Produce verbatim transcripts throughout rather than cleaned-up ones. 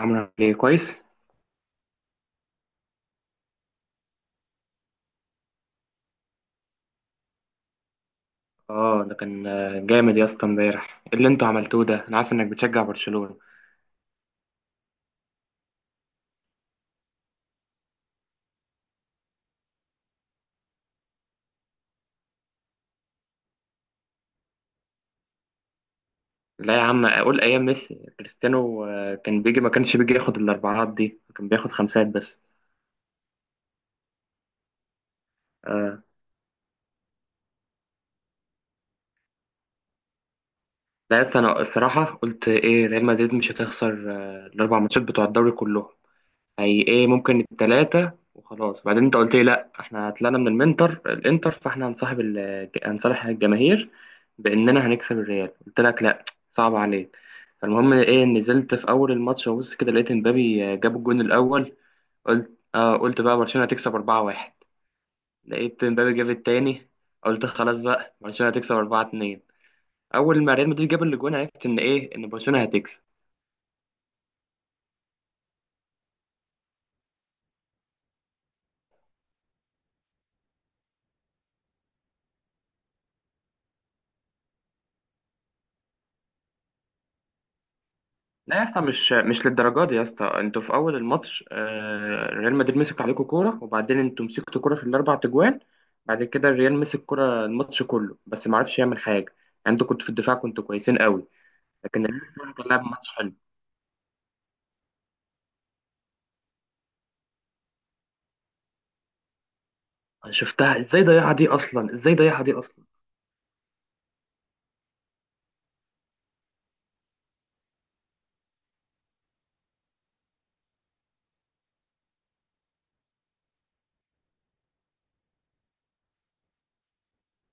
عاملة ايه كويس؟ اه، ده كان آه، جامد يا اسطى. امبارح ايه اللي انتوا عملتوه ده؟ انا عارف انك بتشجع برشلونة. لا يا عم، اقول ايام ميسي كريستيانو آه، كان بيجي ما كانش بيجي ياخد الاربعات دي، كان بياخد خمسات بس. آه. لا يا اسطى، انا الصراحة قلت ايه؟ ريال مدريد مش هتخسر آه، الاربع ماتشات بتوع الدوري كلهم. هي ايه، ممكن التلاتة وخلاص. بعدين انت قلت لي لا، احنا طلعنا من المنتر الانتر، فاحنا هنصاحب ال... هنصالح الجماهير باننا هنكسب الريال. قلت لك لا، صعب عليك. فالمهم ايه، نزلت في اول الماتش وبص كده لقيت امبابي جاب الجون الاول. قلت اه قلت بقى برشلونة هتكسب أربعة واحد. لقيت امبابي جاب التاني، قلت خلاص بقى برشلونة هتكسب أربعة اتنين. اول ما ريال مدريد جاب الجون عرفت ان ايه، ان برشلونة هتكسب. لا يا اسطى، مش مش للدرجه دي يا اسطى. انتوا في اول الماتش آه، ريال مدريد مسك عليكم كوره، وبعدين انتوا مسكتوا كوره في الاربع تجوان. بعد كده الريال مسك كوره الماتش كله، بس ما عرفش يعمل حاجه. يعني انتوا كنتوا في الدفاع، كنتوا كويسين قوي. لكن الريال الصراحة كان لعب ماتش حلو. انا شفتها، ازاي ضيعها دي اصلا، ازاي ضيعها دي اصلا؟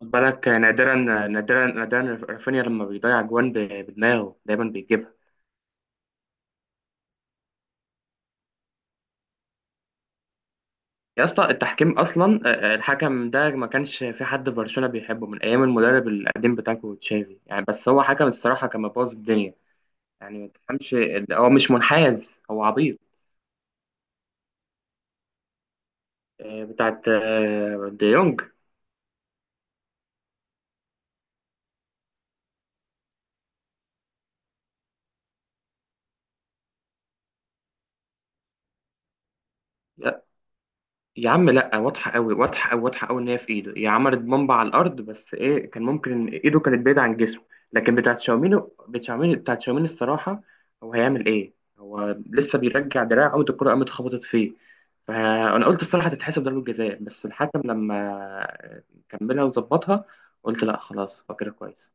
خد بالك آه، نادرا نادرا نادرا رافينيا لما بيضيع جوان ب- بدماغه دايما بيجيبها. يا اسطى التحكيم اصلا آه، الحكم ده ما كانش في حد في برشلونه بيحبه من ايام المدرب القديم بتاعكو تشافي يعني، بس هو حكم الصراحه كان مبوظ الدنيا. يعني ما تفهمش، هو مش منحاز، هو عبيط. آه، بتاعت آه، دي يونج. يا عم لا، واضحه قوي، واضحه قوي، واضحه قوي ان هي في ايده، هي عملت بمبة على الارض، بس ايه، كان ممكن ان ايده كانت بعيده عن جسمه. لكن بتاعت شاوميني، بتاعت شاوميني، بتاعت شاوميني الصراحه، هو هيعمل ايه؟ هو لسه بيرجع دراعه، قوة الكره قامت خبطت فيه. فانا قلت الصراحه هتتحسب ضربه جزاء، بس الحكم لما كملها وظبطها، قلت لا خلاص، هو كده كويس.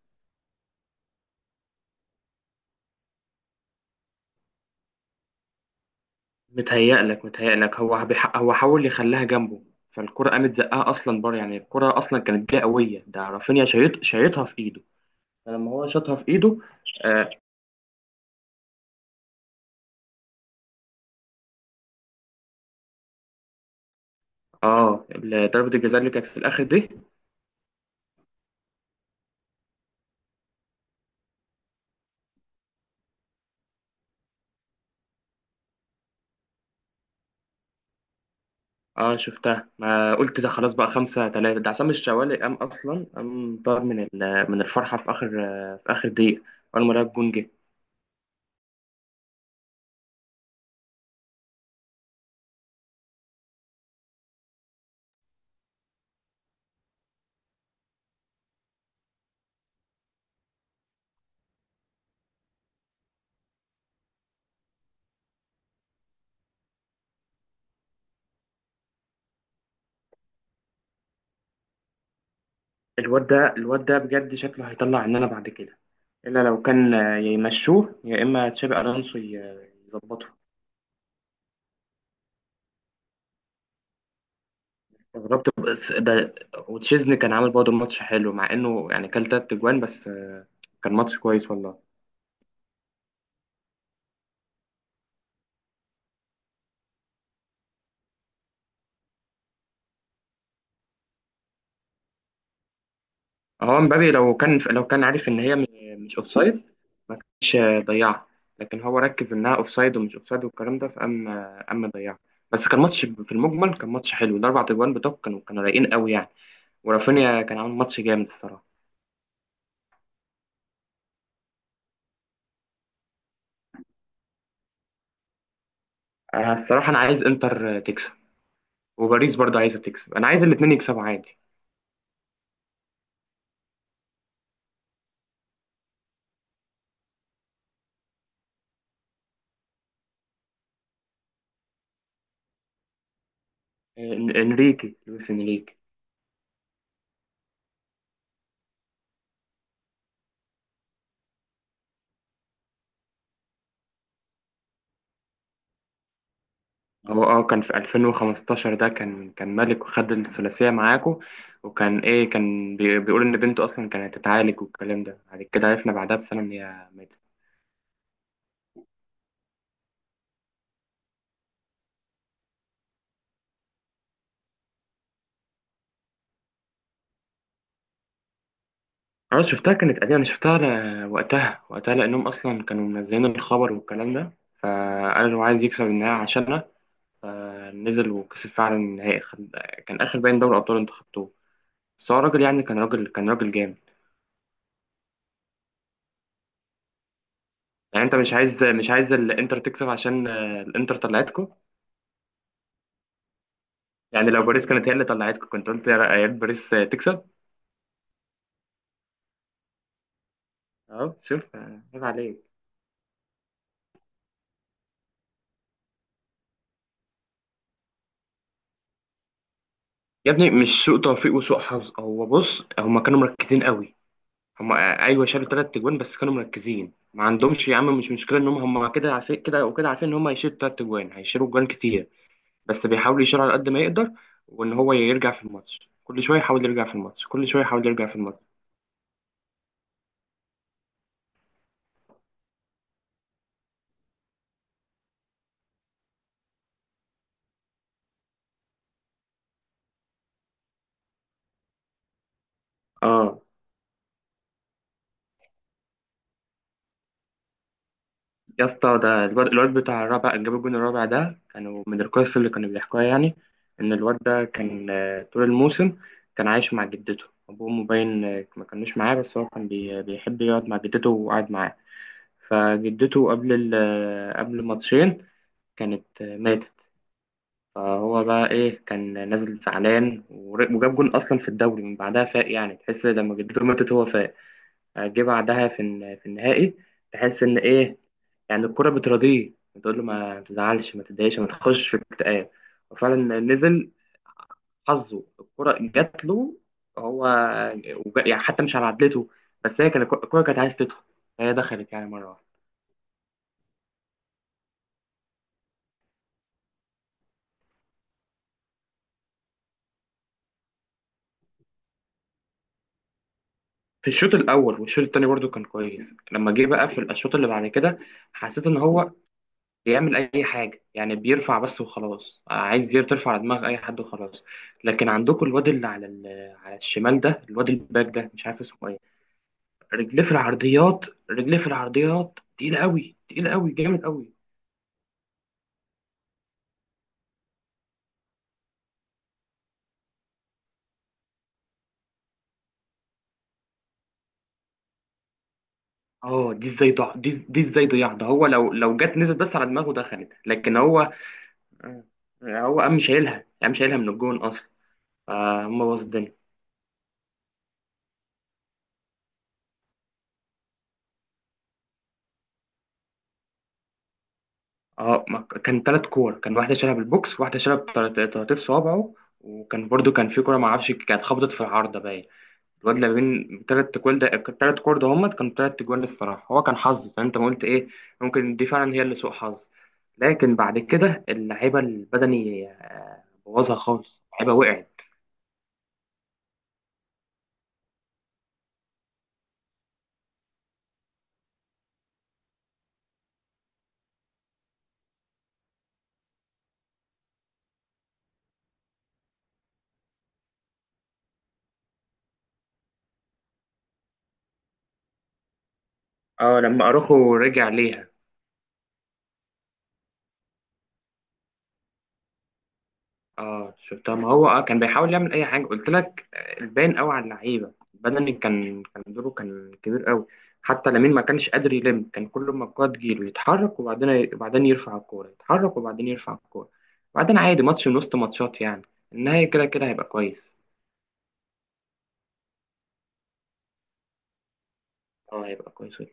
متهيألك متهيألك هو بيح... هو حاول يخليها جنبه. فالكرة قامت زقها اصلا بره. يعني الكرة اصلا كانت جايه قويه، ده رافينيا شايط شايطها في ايده. فلما هو شاطها في ايده. اه, آه ال- ضربة الجزاء اللي كانت في الاخر دي، اه شفتها، ما قلت ده خلاص بقى خمسة تلاتة، ده عصام الشوالي قام اصلا، قام طار من ال- من الفرحة في اخر آه، في اخر دقيقة، اول ما لقى الجون جه. الواد ده الواد ده بجد شكله هيطلع عننا بعد كده، الا لو كان آه، يا يمشوه يا اما تشابي الونسو ي- يظبطه. استغربت بس ده. وتشيزني كان عامل برضه ماتش حلو، مع انه يعني كان تلات اجوان بس آه، كان ماتش كويس والله. هو مبابي لو كان لو كان عارف ان هي مش مش اوفسايد ما كانش ضيعها، لكن هو ركز انها اوفسايد ومش اوفسايد والكلام ده فقام اما ضيعها. بس كان ماتش في المجمل، كان ماتش حلو، الاربع تجوان بتوعك كانوا كانوا رايقين قوي يعني، ورافينيا كان عامل ماتش جامد الصراحه. آه، الصراحه انا عايز انتر تكسب، وباريس برضه عايزه تكسب، انا عايز الاثنين يكسبوا عادي. إن- انريكي، لويس انريكي. هو اه كان في ألفين وخمستاشر ده، كان كان ملك، وخد الثلاثية معاكو. وكان ايه كان بي- بيقول ان بنته اصلا كانت هتتعالج والكلام ده، بعد كده عرفنا بعدها بسنة ان هي ماتت. اه شفتها، كانت قديمة، انا شفتها ل- وقتها وقتها لانهم اصلا كانوا منزلين الخبر والكلام ده. فقال هو عايز يكسب النهائي عشاننا، فنزل وكسب فعلا النهائي. خد- كان اخر باين دوري ابطال انتوا خدتوه. بس هو راجل يعني، كان راجل كان راجل جامد. يعني انت مش عايز مش عايز الانتر تكسب عشان آه، الانتر طلعتكو. يعني لو باريس كانت هي اللي طلعتكم كنت قلت يا يا ريت باريس تكسب. اهو شوف آه، عيب عليك. يا ابني، مش سوء توفيق وسوء حظ. هو بص، هما كانوا مركزين قوي. هما ايوه شالوا ثلاث تجوان، بس كانوا مركزين. ما عندهمش يا عم مش مشكله، ان هم هم كده عارفين، كده وكده عارفين ان هم هيشيلوا ثلاث تجوان، هيشيلوا جوان كتير. بس بيحاول يشيل على قد ما يقدر، وان هو يرجع في الماتش كل شويه، يحاول يرجع في الماتش كل شويه، يحاول يرجع في الماتش. اه يا اسطى، ده الواد الواد بتاع الرابع اللي جاب الجون الرابع ده، كانوا من القصص اللي كانوا بيحكوها يعني، ان الواد ده كان آه، طول الموسم كان عايش مع جدته، ابوه مبين آه، ما كانوش معاه، بس هو كان بي- بيحب يقعد مع جدته وقعد معاه. فجدته قبل ال- آه، قبل ماتشين كانت آه، ماتت. فهو بقى ايه كان نازل زعلان، ور- وجاب جون اصلا في الدوري من بعدها، فاق يعني، تحس لما جدته ماتت هو فاق، جه بعدها في الن- في النهائي. تحس ان ايه يعني الكرة بترضيه، بتقول له ما تزعلش، ما تتضايقش، ما تخش في اكتئاب. وفعلا نزل، حظه الكرة جات له هو، وج- يعني حتى مش على عدلته، بس هي كانت الكرة كانت عايز تدخل، فهي دخلت يعني مرة واحدة. في الشوط الأول والشوط التاني برضو كان كويس. لما جه بقى في الشوط اللي بعد كده، حسيت إن هو بيعمل اي حاجه، يعني بيرفع بس وخلاص، عايز ير- ترفع على دماغ اي حد وخلاص. لكن عندكم الواد اللي على ال- على الشمال ده، الواد الباك ده، مش عارف اسمه ايه، رجليه في العرضيات، رجليه في العرضيات، تقيله قوي، تقيله قوي، جامد قوي. اه، دي ازاي ضاع، دي دي ازاي ضيع ده؟ هو لو لو جت نزلت بس على دماغه دخلت، لكن هو آه، هو قام شايلها، قام شايلها من الجون اصلا، فهم باظ الدنيا. اه ما ك- كان ثلاث كور، كان واحده شالها بالبوكس، واحده شالها بطر- بطراطيف صوابعه. وكان برضو كان في كوره ما اعرفش كانت خبطت في العارضه باين. الواد اللي بين ثلاث تجوال ده، الثلاث كور ده هم كانوا ثلاث تجوال الصراحه، هو كان حظ زي ما انت ما قلت، ايه ممكن دي فعلا هي اللي سوء حظ. لكن بعد كده اللعيبه البدني آه، بوظها خالص، اللعيبه وقعت. اه، لما اروخو رجع ليها. اه شفتها، ما هو اه كان بيحاول يعمل اي حاجه. قلت لك آه، الباين قوي على اللعيبه بدني، كان كان دوره كان كبير قوي. حتى لامين ما كانش قادر يلم، كان كل ما الكوره تجيله يتحرك، وبعدين وبعدين يرفع الكوره، يتحرك وبعدين يرفع الكوره، وبعدين عادي ماتش من وسط ماتشات يعني، النهايه كده كده هيبقى كويس. اه هيبقى كويس يا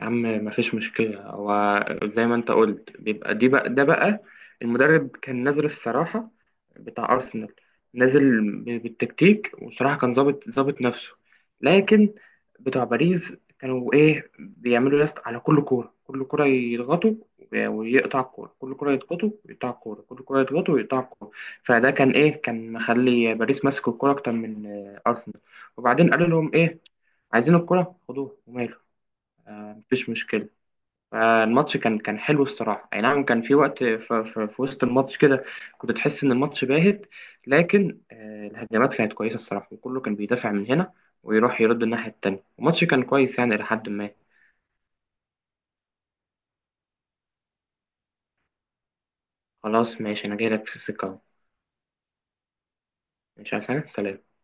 عم، ما فيش مشكله. هو زي ما انت قلت، بيبقى دي بقى ده بقى. المدرب كان نازل الصراحه، بتاع أرسنال، نازل ب- بالتكتيك، وصراحة كان ظابط ظابط نفسه. لكن بتوع باريس كانوا إيه بيعملوا يست على كل كورة، كل كورة يضغطوا و- ويقطع الكورة، كل كورة يضغطوا ويقطع الكورة، كل كورة يضغطوا ويقطع الكورة. فده كان إيه كان مخلي باريس ماسك الكورة أكتر من آه، أرسنال. وبعدين قالوا لهم إيه؟ عايزين الكورة؟ خدوها وماله، مفيش مشكلة. آه، الماتش كان كان حلو الصراحة، أي نعم. كان في وقت ف- ف- في وسط الماتش كده كنت تحس إن الماتش باهت، لكن آه، الهجمات كانت كويسة الصراحة، وكله كان بيدافع من هنا ويروح يرد الناحية التانية. الماتش كان كويس يعني، إلى حد ما. خلاص ماشي، أنا جاي لك في السكة أهو. مش عايز حاجة، سلام.